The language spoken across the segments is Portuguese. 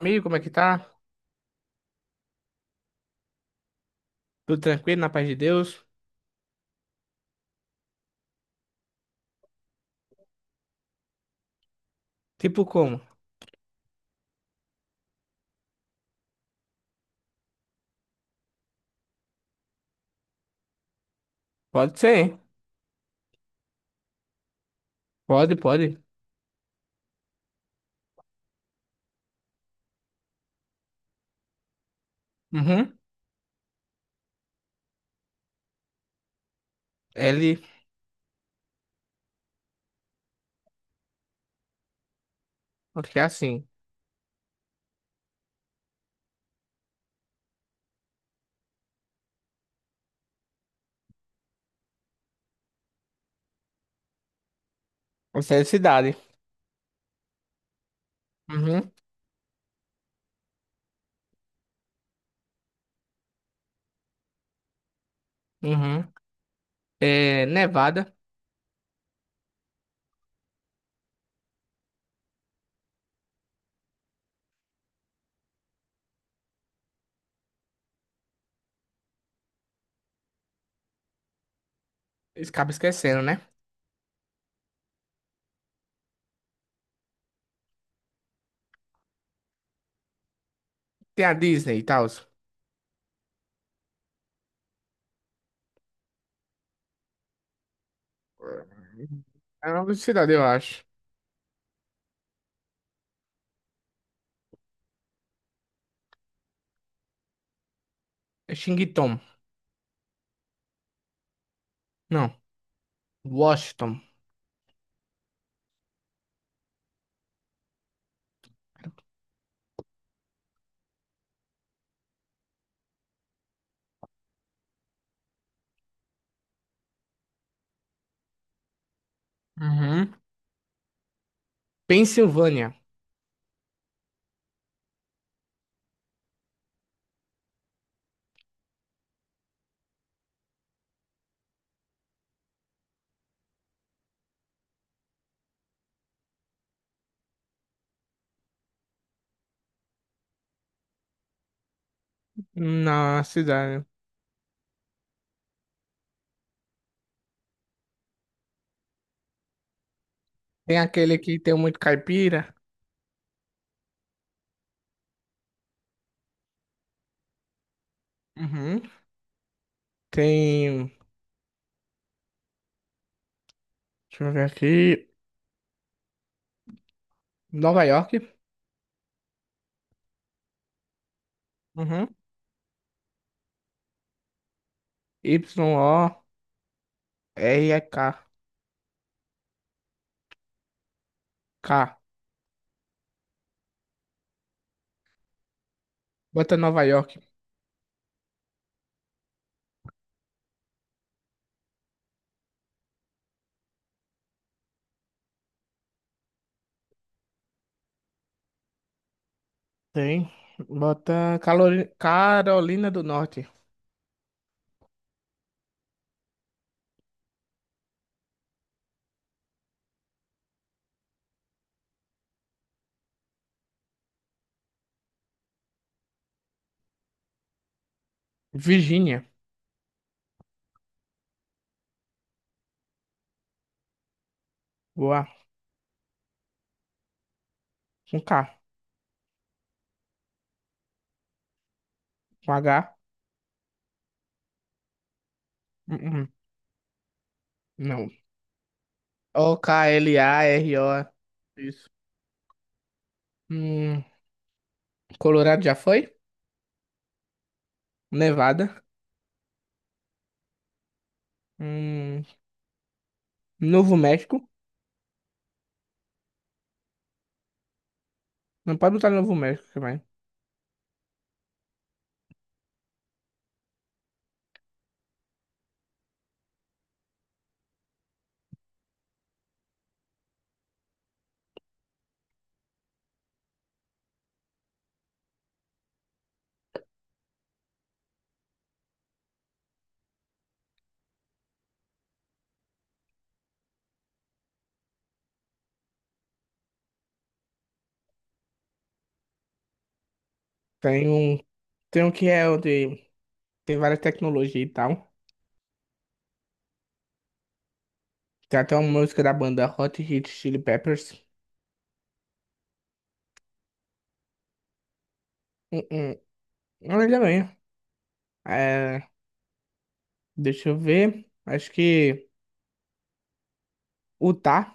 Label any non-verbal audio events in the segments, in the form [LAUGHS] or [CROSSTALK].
Amigo, como é que tá? Tudo tranquilo, na paz de Deus? Tipo como? Pode ser, hein? Pode, pode. Uhum. L, acho que é assim. Essa é a cidade. Uhum, uhum. É Nevada. Acaba esquecendo, né? Tem a Disney e tal. É o nome de cidade, eu acho. É Xingitom. Não. Washington. Uhum. Pensilvânia. Na cidade. Tem aquele que tem muito caipira. Uhum. Tem. Deixa eu ver aqui. Nova York. Uhum. Yorek. K. Bota Nova York. Tem. Bota Calori- Carolina do Norte. Virgínia. Boa. Com K. Com H. Uhum. Não. Oklaro. Isso. Hum, Colorado já foi? Nevada. Hum, Novo México. Não pode botar Novo México também. Tem um. Tem um que é o de. Tem várias tecnologias e tal. Tem até uma música da banda Hot Hit Chili Peppers. Hum, hum. Olha bem. É, deixa eu ver. Acho que Utah,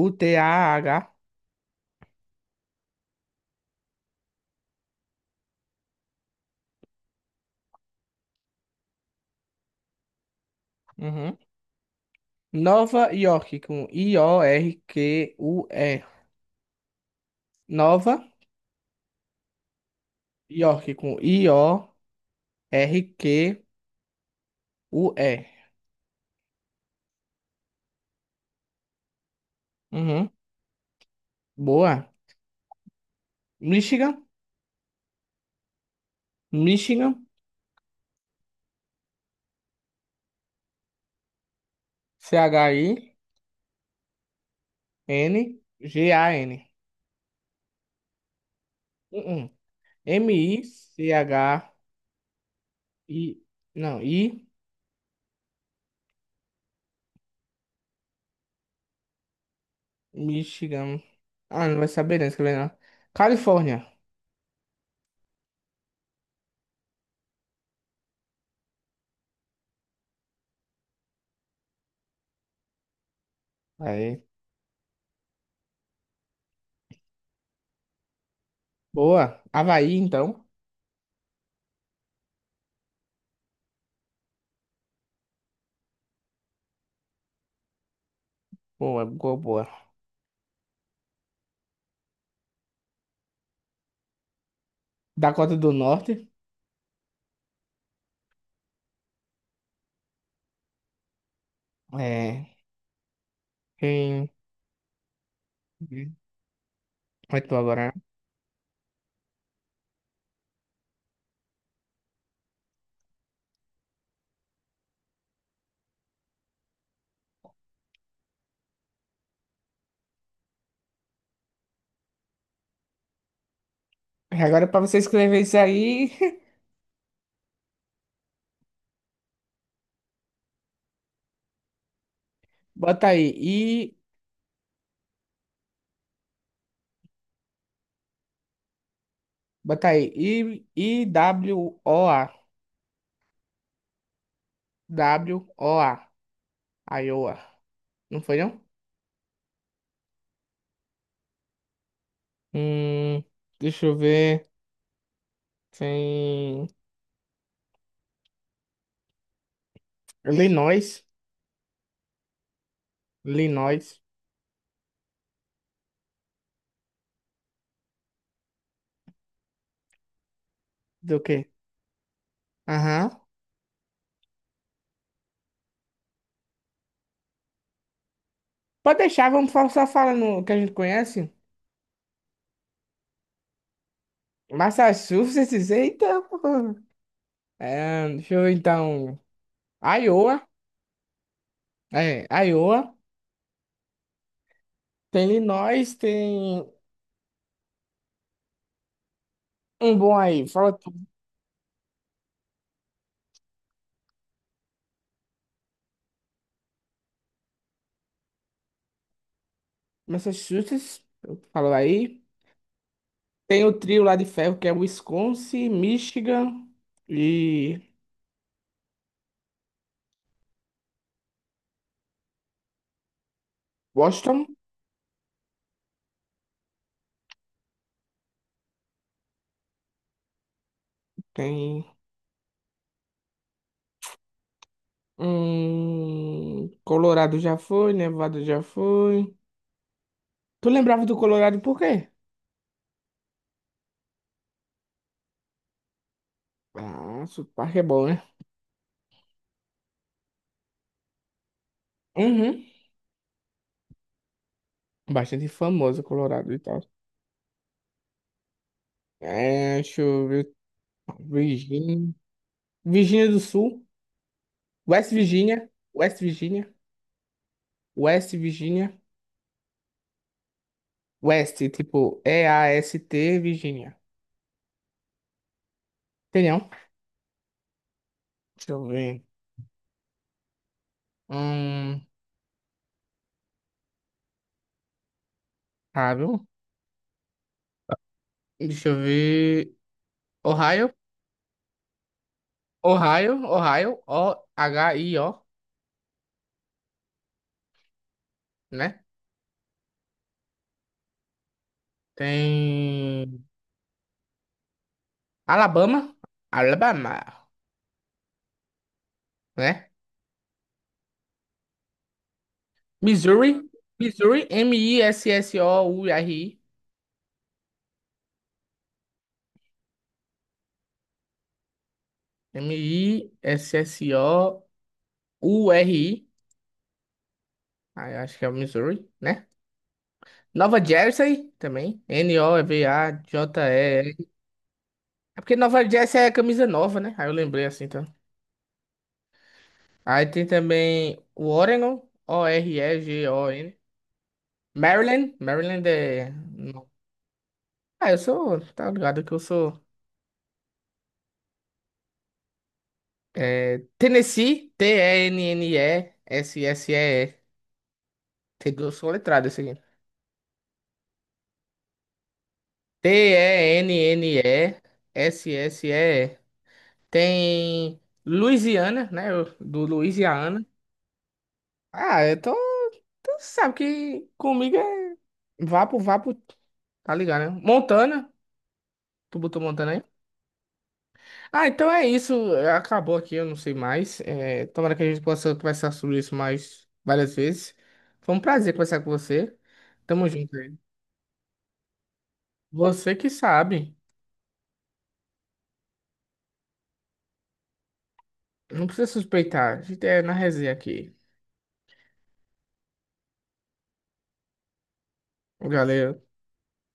Utah. Uhum. Nova York com Iorque. Nova York com I-O-R-Q-U-E. Uhum. Boa. Michigan, Michigan, Chingan. Uhum. Michi. Não, I, Michigan. Ah, não vai saber, não escrever não. Califórnia. Aí. Boa. Havaí, então. Boa, boa, boa. Dakota do Norte. É. Quem. Vai tu agora. Né? Agora, é pra você escrever isso aí, [LAUGHS] bota aí. I. Bota aí. I. Iwoa. Woa. Iowa. Não foi, não? Hum, deixa eu ver. Tem. Illinois. Illinois. Do quê? Aham. Pode deixar, vamos só falar no que a gente conhece. Massachusetts, eita, pô. É, deixa eu ver então. Iowa, é, Iowa. Tem Illinois, tem um bom aí. Fala tu. Massachusetts, falou aí. Tem o trio lá de ferro que é Wisconsin, Michigan e Washington. Tem Colorado já foi, Nevada já foi. Tu lembrava do Colorado por quê? Ah, sotaque é bom, né? Uhum. Bastante famoso Colorado e tal. É, deixa eu ver. Virgínia. Virgínia do Sul. West Virginia, West Virginia, West Virginia, West, tipo East, Virginia. Entendeu? Deixa eu ver. Hum, Ohio. Deixa eu ver. Ohio, Ohio, Ohio, Ohio, né? Tem Alabama, Alabama, né? Missouri, Missouri, Missouri, M-I-S-S-O-U-R-I, ah, eu acho que é o Missouri, né? Nova Jersey também. Novajer. É porque Nova Jersey é camisa nova, né? Aí eu lembrei assim, então. Aí tem também o Oregon, Oregon. Maryland, Maryland é. Não. Ah, eu sou. Tá ligado que eu sou. É, Tennessee, Tennessee. Tem duas soletradas esse aqui. Tennessee. Tem Louisiana, né? Eu- do Louisiana. Ah, eu tô. Sabe que comigo é vapo, vapo, tá ligado, né? Montana. Tu botou Montana aí? Ah, então é isso. Acabou aqui, eu não sei mais. É, tomara que a gente possa conversar sobre isso mais várias vezes. Foi um prazer conversar com você. Tamo junto aí. Você que sabe. Não precisa suspeitar. A gente é na resenha aqui. Galera.